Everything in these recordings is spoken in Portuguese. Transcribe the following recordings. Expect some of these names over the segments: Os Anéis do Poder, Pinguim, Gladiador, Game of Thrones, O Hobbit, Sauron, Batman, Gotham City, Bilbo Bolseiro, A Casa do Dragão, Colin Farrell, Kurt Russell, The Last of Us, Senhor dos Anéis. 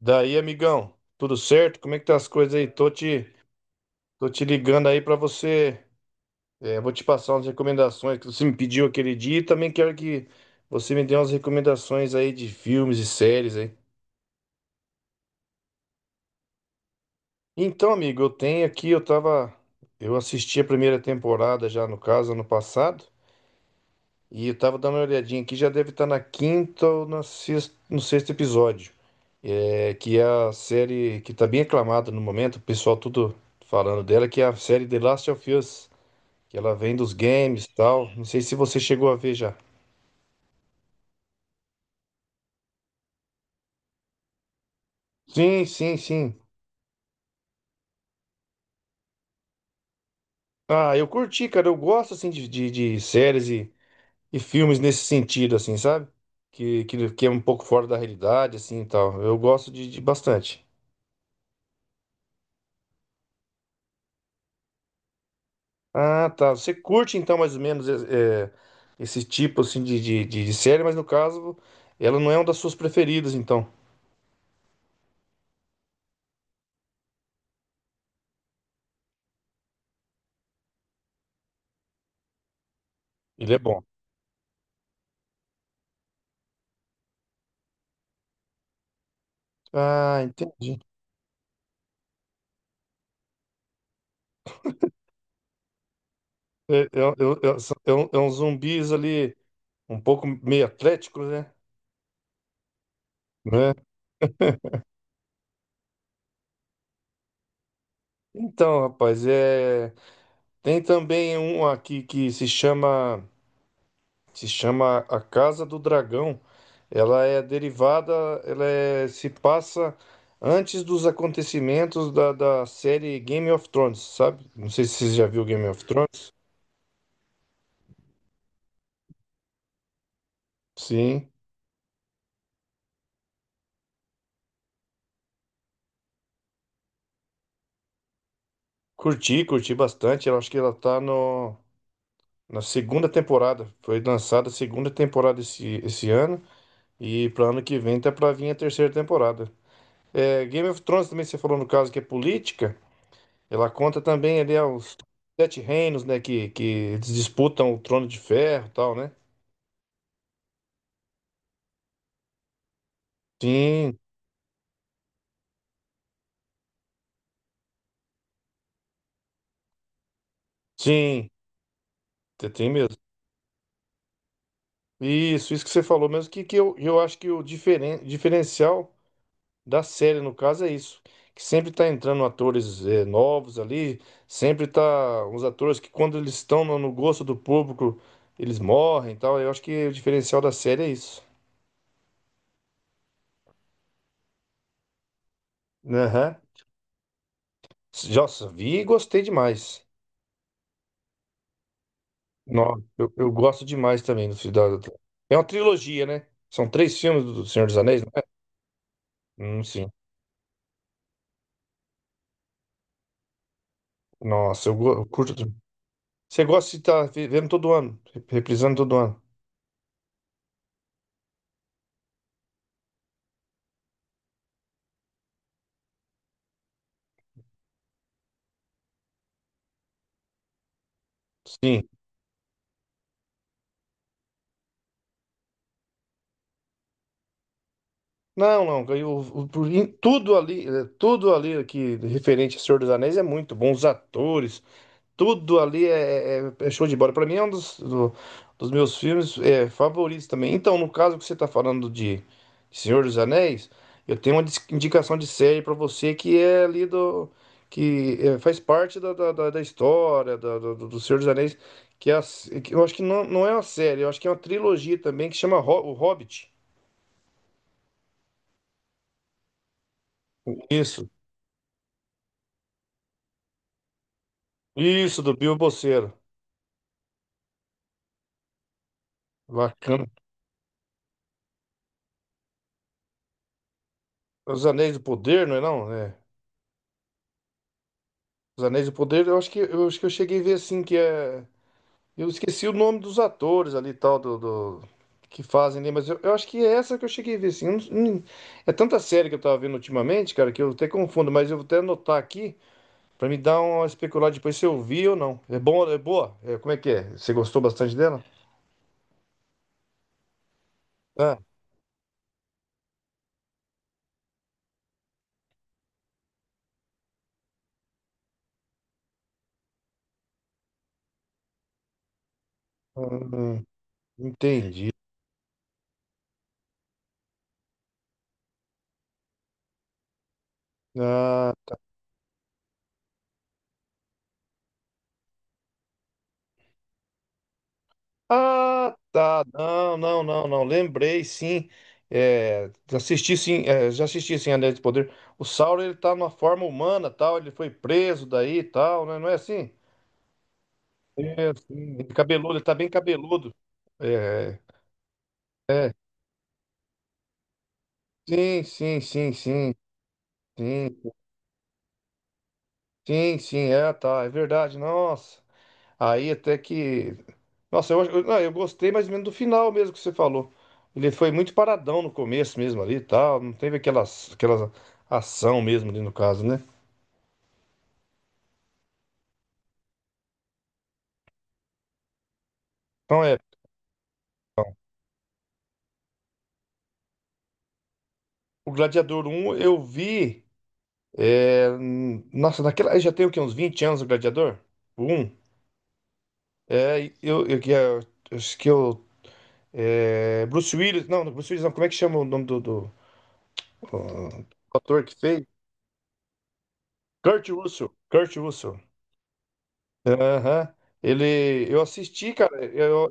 Daí, amigão, tudo certo? Como é que tá as coisas aí? Tô te ligando aí pra você. Vou te passar umas recomendações que você me pediu aquele dia e também quero que você me dê umas recomendações aí de filmes e séries aí. Então, amigo, eu tenho aqui, eu assisti a primeira temporada já no caso ano passado. E eu tava dando uma olhadinha aqui, já deve estar na quinta ou na sexta, no sexto episódio. É que é a série que tá bem aclamada no momento, o pessoal tudo falando dela, que é a série The Last of Us, que ela vem dos games e tal. Não sei se você chegou a ver já. Sim, sim, sim. Ah, eu curti, cara. Eu gosto assim de séries e filmes nesse sentido, assim, sabe? Que é um pouco fora da realidade, assim e tal. Eu gosto de bastante. Ah, tá. Você curte então mais ou menos esse tipo assim de série, mas no caso ela não é uma das suas preferidas, então. Ele é bom. Ah, entendi. É uns zumbis ali um pouco meio atléticos, né? Né? Então, rapaz, é... tem também um aqui que se chama. Se chama A Casa do Dragão. Ela é derivada, se passa antes dos acontecimentos da série Game of Thrones, sabe? Não sei se você já viu Game of Thrones. Sim. Curti, curti bastante. Eu acho que ela tá no, na segunda temporada. Foi lançada a segunda temporada esse ano. E para ano que vem tá pra vir a terceira temporada. É, Game of Thrones também você falou no caso que é política. Ela conta também ali aos sete reinos, né? Que eles disputam o trono de ferro e tal, né? Sim, sim, tem mesmo. Isso que você falou mesmo, que eu acho que o diferencial da série, no caso, é isso. Que sempre tá entrando atores eh, novos ali, sempre tá uns atores que quando eles estão no gosto do público, eles morrem e tal. Eu acho que o diferencial da série é isso. Aham. Nossa, vi e gostei demais. Nossa, eu gosto demais também do Cidade. É uma trilogia, né? São três filmes do Senhor dos Anéis, não é? Sim. Nossa, eu curto. De- Você gosta de estar vendo todo ano, reprisando todo ano. Sim. Não, não. Em tudo ali, eh, tudo ali que referente a Senhor dos Anéis é muito bom. Os atores, tudo ali é show de bola. Pra mim é um dos meus filmes é favoritos também. Então, no caso que você tá falando de Senhor dos Anéis, eu tenho uma indicação de série pra você que é ali do. Que é, faz parte da história do Senhor dos Anéis, que, é a s- que eu acho que não, não é uma série, eu acho que é uma trilogia também que chama O Hobbit. Isso, isso, do Bilbo Bolseiro. Bacana. Os Anéis do Poder, não é não? É. Os Anéis do Poder, eu acho que eu cheguei a ver assim que é. Eu esqueci o nome dos atores ali, e tal, que fazem ali, mas eu acho que é essa que eu cheguei a ver, assim. Eu não- não- é tanta série que eu tava vendo ultimamente, cara, que eu até confundo, mas eu vou até anotar aqui pra me dar uma especulada depois se eu vi ou não. É bom, é boa? É, como é que é? Você gostou bastante dela? Ah, hum, entendi. Ah, ah, tá. Não, não, não, não. Lembrei, sim. É, assisti, sim. É, já assisti, sim, Anéis de Poder. O Sauron, ele tá numa forma humana, tal. Ele foi preso daí, tal, né? Não é assim? É, sim. Ele cabeludo, ele tá bem cabeludo. É, é. Sim, sim, sim, sim. Sim, sim, sim. É, tá. É verdade. Nossa. Aí até que... Nossa, eu, acho- eu, ah, eu gostei mais ou menos do final mesmo que você falou. Ele foi muito paradão no começo mesmo ali e tal. Não teve aquelas ação mesmo ali no caso, né? Então é, o Gladiador um eu vi. É, nossa, naquela. Aí já tem o quê? Uns 20 anos o Gladiador? O um. É, e eu, que é- eu, acho que eu. Bruce Willis. Não, não, Bruce Willis não. Como é que chama o nome o ator que fez? Kurt Russell. Kurt Russell. Aham. Ele, eu assisti, cara. Eu,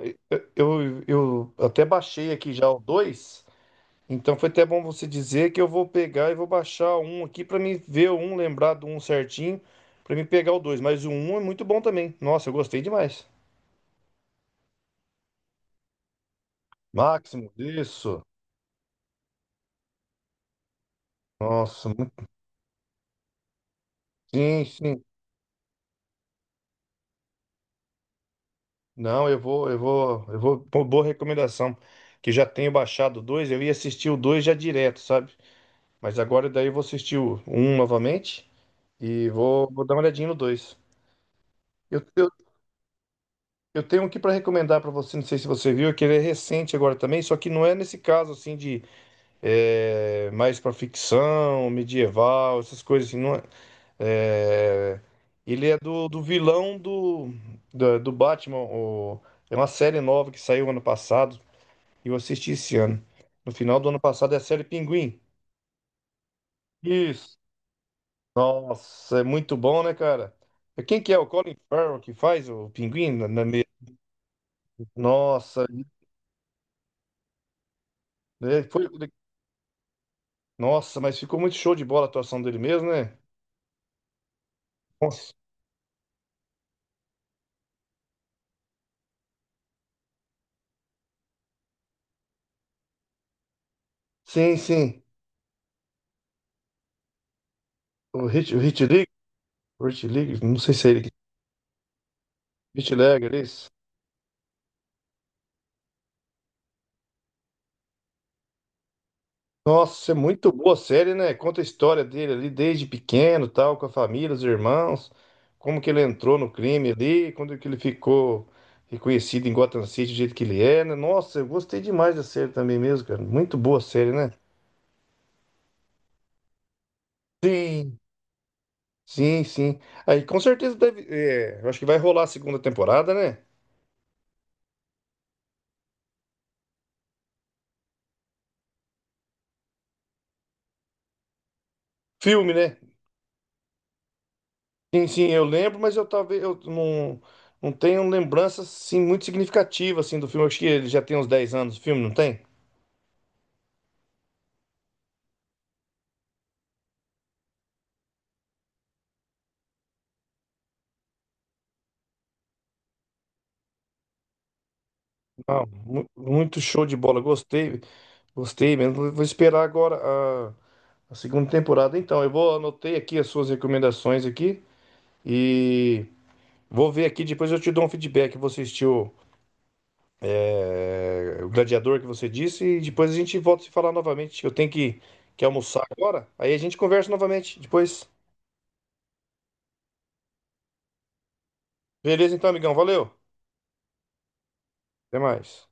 eu, Eu até baixei aqui já o 2. Então foi até bom você dizer que eu vou pegar e vou baixar um aqui pra me ver o um, lembrar do um certinho, pra me pegar o dois. Mas o um é muito bom também. Nossa, eu gostei demais. Máximo, isso. Nossa, sim, sim. Não, eu vou, eu vou, eu vou. Pô, boa recomendação. Que já tenho baixado o dois. Eu ia assistir o dois já direto, sabe? Mas agora daí eu vou assistir o um novamente. E vou, vou dar uma olhadinha no dois. Eu, eu, eu tenho aqui para recomendar para você, não sei se você viu, é que ele é recente agora também, só que não é nesse caso assim de é, mais para ficção, medieval, essas coisas assim, não é. É, ele é do vilão Batman, é uma série nova que saiu ano passado e eu assisti esse ano. No final do ano passado é a série Pinguim. Isso. Nossa, é muito bom, né, cara? Quem que é? O Colin Farrell que faz o Pinguim na, na Nossa, é, foi, nossa, mas ficou muito show de bola a atuação dele mesmo, né? Nossa. Sim, sim. O Hit, o Hit League, o Hit League, não sei se é ele. Que- Hit League, é isso. Nossa, é muito boa a série, né? Conta a história dele ali desde pequeno, tal, com a família, os irmãos, como que ele entrou no crime ali, quando que ele ficou reconhecido em Gotham City do jeito que ele é, né? Nossa, eu gostei demais da série também mesmo, cara. Muito boa a série, né? Sim. Sim, sim. Aí com certeza deve. É, eu acho que vai rolar a segunda temporada, né? Filme, né? Sim, sim, eu lembro, mas eu talvez eu não, não tenho lembranças assim, muito significativas assim, do filme. Eu acho que ele já tem uns 10 anos, o filme, não tem? Não, muito show de bola. Gostei, gostei mesmo. Vou esperar agora a, a segunda temporada. Então, eu vou anotei aqui as suas recomendações aqui e vou ver aqui, depois eu te dou um feedback. Você assistiu é, o gladiador que você disse, e depois a gente volta a se falar novamente. Eu tenho que almoçar agora, aí a gente conversa novamente depois. Beleza, então, amigão, valeu. Até mais.